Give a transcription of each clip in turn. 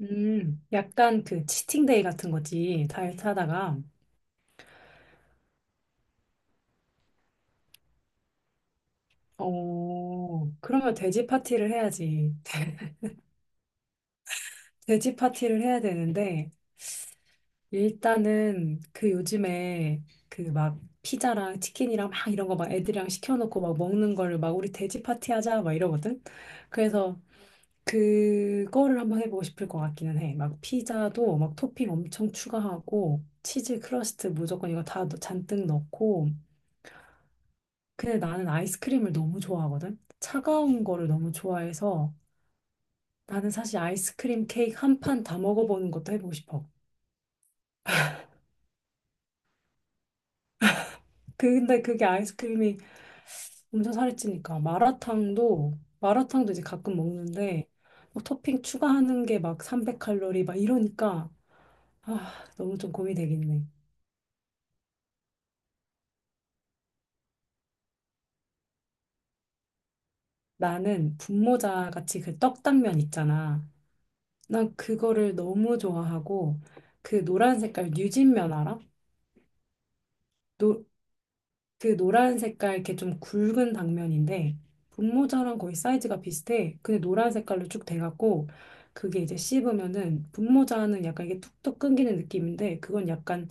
약간 그 치팅데이 같은 거지. 다이어트 하다가 그러면 돼지 파티를 해야지. 돼지 파티를 해야 되는데, 일단은 그 요즘에 그 막 피자랑 치킨이랑 막 이런 거 막 애들이랑 시켜놓고 막 먹는 거를 막 우리 돼지 파티 하자 막 이러거든. 그래서 그거를 한번 해보고 싶을 것 같기는 해. 막 피자도 막 토핑 엄청 추가하고, 치즈 크러스트 무조건 이거 다 잔뜩 넣고, 근데 나는 아이스크림을 너무 좋아하거든? 차가운 거를 너무 좋아해서 나는 사실 아이스크림 케이크 1판 다 먹어보는 것도 해보고 싶어. 근데 그게 아이스크림이 엄청 살이 찌니까 마라탕도 이제 가끔 먹는데 뭐 토핑 추가하는 게 막 300칼로리 막 이러니까 아, 너무 좀 고민되겠네. 나는 분모자 같이 그 떡당면 있잖아. 난 그거를 너무 좋아하고 그 노란 색깔 뉴진면 알아? 노, 그 노란 색깔 이렇게 좀 굵은 당면인데 분모자랑 거의 사이즈가 비슷해. 근데 노란 색깔로 쭉 돼갖고 그게 이제 씹으면은 분모자는 약간 이게 툭툭 끊기는 느낌인데 그건 약간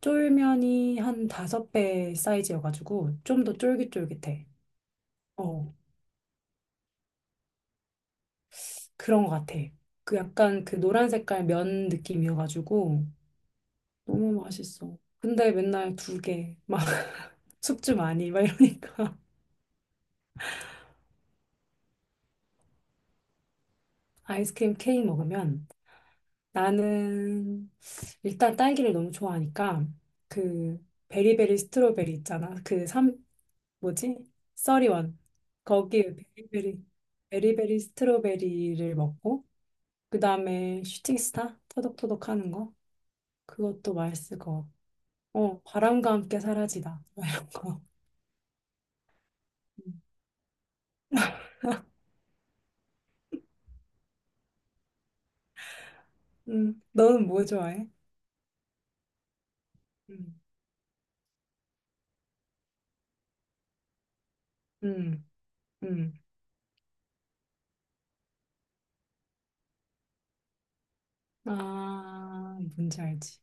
쫄면이 한 5배 사이즈여가지고 좀 더 쫄깃쫄깃해. 어, 그런 것 같아. 그 약간 그 노란 색깔 면 느낌이어가지고 너무 맛있어. 근데 맨날 2개, 막 숙주 많이, 막 이러니까 아이스크림 케이크 먹으면 나는 일단 딸기를 너무 좋아하니까 그 베리베리 스트로베리 있잖아. 뭐지? 써리원. 거기에 베리베리 스트로베리를 먹고 그다음에 슈팅스타 터덕터덕 하는 거. 그것도 맛있을 것 같고. 바람과 함께 사라지다. 막 이런 거. 음, 너는 뭐 좋아해? 음, 음, 음. 아, 뭔지 알지.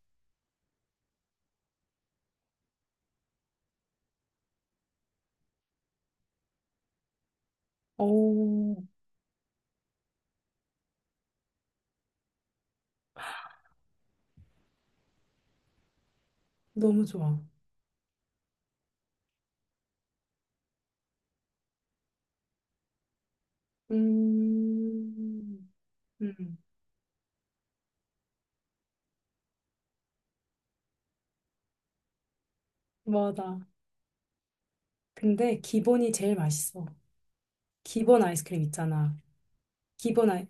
오, 너무 좋아. 음, 음, 맞아. 근데 기본이 제일 맛있어. 기본 아이스크림 있잖아. 기본 아이,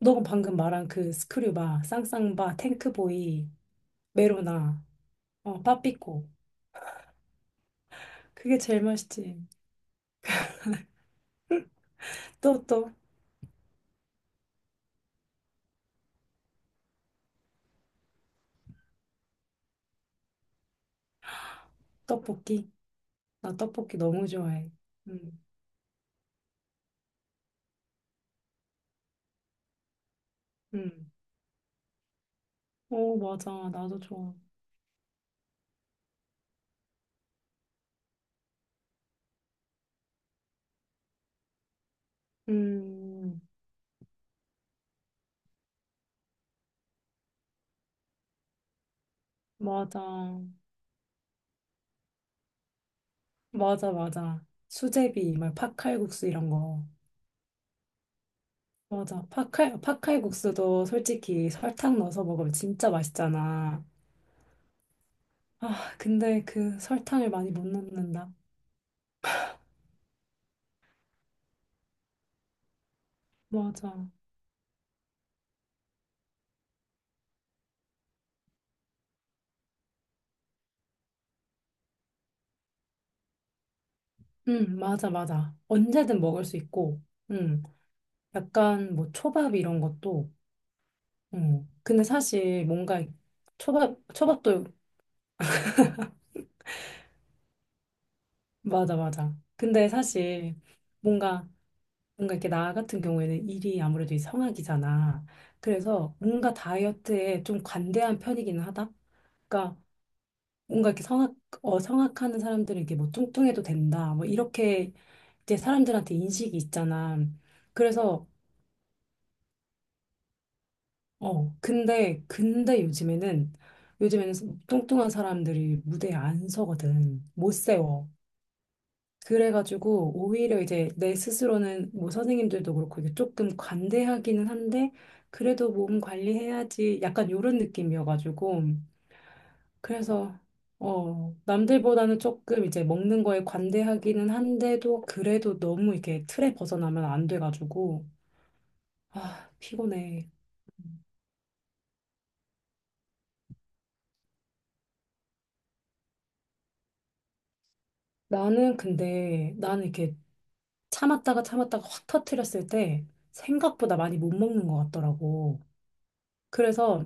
너가 방금 말한 그 스크류바, 쌍쌍바, 탱크보이, 메로나, 빠삐꼬. 그게 제일 맛있지. 또, 떡볶이. 나 떡볶이 너무 좋아해. 음, 음. 어, 맞아. 나도 좋아. 음, 맞아. 맞아, 맞아. 수제비, 막 팥칼국수 이런 거. 맞아. 팥칼 국수도 솔직히 설탕 넣어서 먹으면 진짜 맛있잖아. 아, 근데 그 설탕을 많이 못 넣는다. 맞아. 응, 맞아, 맞아. 언제든 먹을 수 있고, 응. 약간 뭐 초밥 이런 것도, 응. 근데 사실 뭔가 초밥도, 맞아, 맞아. 근데 사실 뭔가, 뭔가 이렇게 나 같은 경우에는 일이 아무래도 이 성악이잖아. 그래서 뭔가 다이어트에 좀 관대한 편이기는 하다. 그러니까 뭔가 이렇게 성악하는 사람들은 이게 뭐 뚱뚱해도 된다. 뭐 이렇게 이제 사람들한테 인식이 있잖아. 그래서, 근데 요즘에는 뚱뚱한 사람들이 무대에 안 서거든. 못 세워. 그래가지고 오히려 이제 내 스스로는 뭐 선생님들도 그렇고 이게 조금 관대하기는 한데, 그래도 몸 관리해야지. 약간 요런 느낌이어가지고. 그래서 남들보다는 조금 이제 먹는 거에 관대하기는 한데도 그래도 너무 이렇게 틀에 벗어나면 안 돼가지고 아, 피곤해. 나는 근데 나는 이렇게 참았다가 참았다가 확 터트렸을 때 생각보다 많이 못 먹는 것 같더라고. 그래서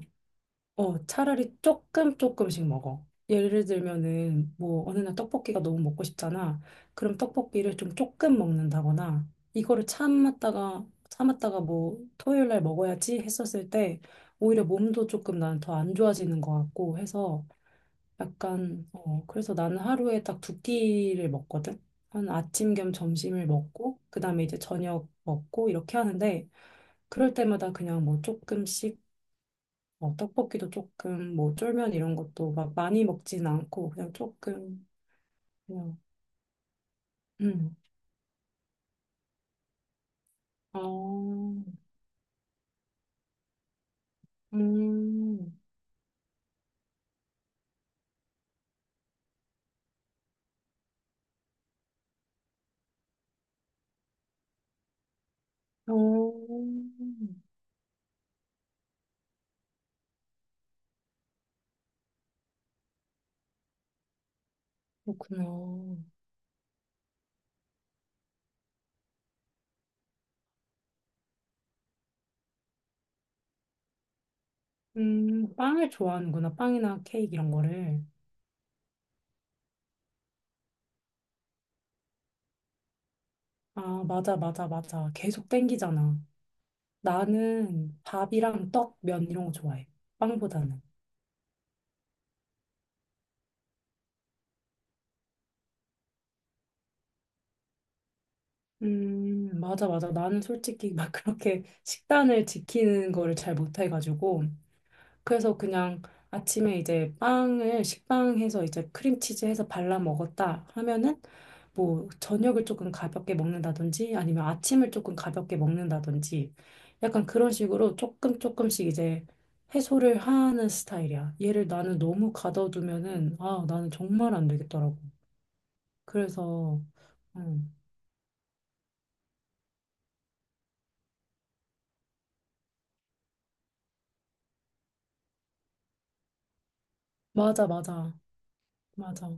차라리 조금 조금씩 먹어. 예를 들면은 뭐 어느 날 떡볶이가 너무 먹고 싶잖아. 그럼 떡볶이를 좀 조금 먹는다거나 이거를 참았다가 참았다가 뭐 토요일 날 먹어야지 했었을 때 오히려 몸도 조금 나는 더 안 좋아지는 것 같고 해서 약간 그래서 나는 하루에 딱 두 끼를 먹거든. 한 아침 겸 점심을 먹고 그다음에 이제 저녁 먹고 이렇게 하는데 그럴 때마다 그냥 뭐 조금씩 떡볶이도 조금 뭐 쫄면 이런 것도 막 많이 먹진 않고 그냥 조금 그냥 음. 어, 음. 어, 그렇구나. 빵을 좋아하는구나. 빵이나 케이크 이런 거를. 아, 맞아, 맞아, 맞아. 계속 땡기잖아. 나는 밥이랑 떡, 면 이런 거 좋아해. 빵보다는. 맞아, 맞아. 나는 솔직히 막 그렇게 식단을 지키는 거를 잘 못해가지고. 그래서 그냥 아침에 이제 빵을 식빵해서 이제 크림치즈 해서 발라 먹었다 하면은 뭐 저녁을 조금 가볍게 먹는다든지 아니면 아침을 조금 가볍게 먹는다든지 약간 그런 식으로 조금 조금씩 이제 해소를 하는 스타일이야. 얘를 나는 너무 가둬두면은 아, 나는 정말 안 되겠더라고. 그래서 음, 맞아, 맞아, 맞아.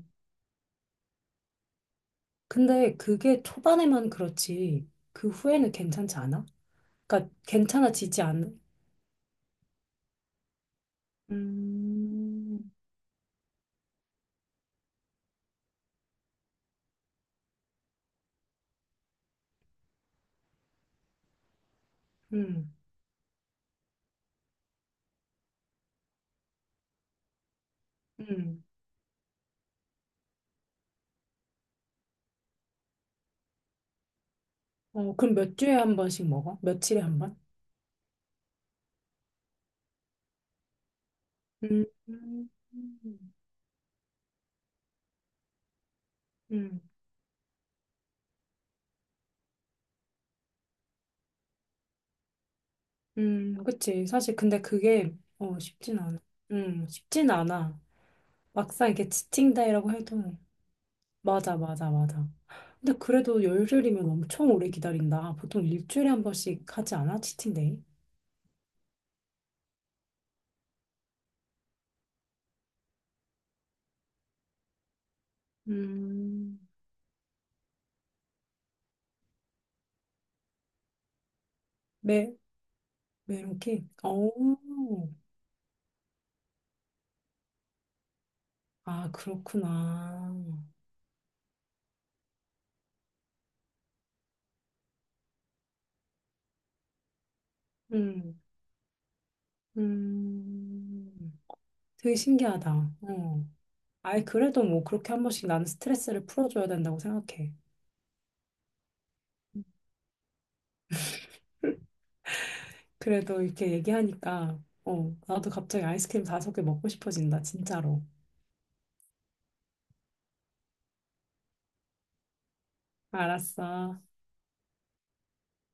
근데 그게 초반에만 그렇지 그 후에는 괜찮지 않아? 그러니까 괜찮아지지 않아? 음, 음, 음. 어, 그럼 몇 주에 1번씩 먹어? 며칠에 1번? 음, 음, 음, 그치. 사실 근데 그게, 쉽진 않아. 쉽진 않아. 막상 이렇게 지친다이라고 해도. 맞아, 맞아, 맞아. 근데 그래도 열흘이면 엄청 오래 기다린다. 보통 일주일에 1번씩 하지 않아? 치팅데이? 음, 매, 매 이렇게? 어, 아, 그렇구나. 음. 음, 되게 신기하다. 어. 아이, 그래도 뭐 그렇게 1번씩 나는 스트레스를 풀어줘야 된다고 생각해. 그래도 이렇게 얘기하니까, 나도 갑자기 아이스크림 5개 먹고 싶어진다, 진짜로. 알았어.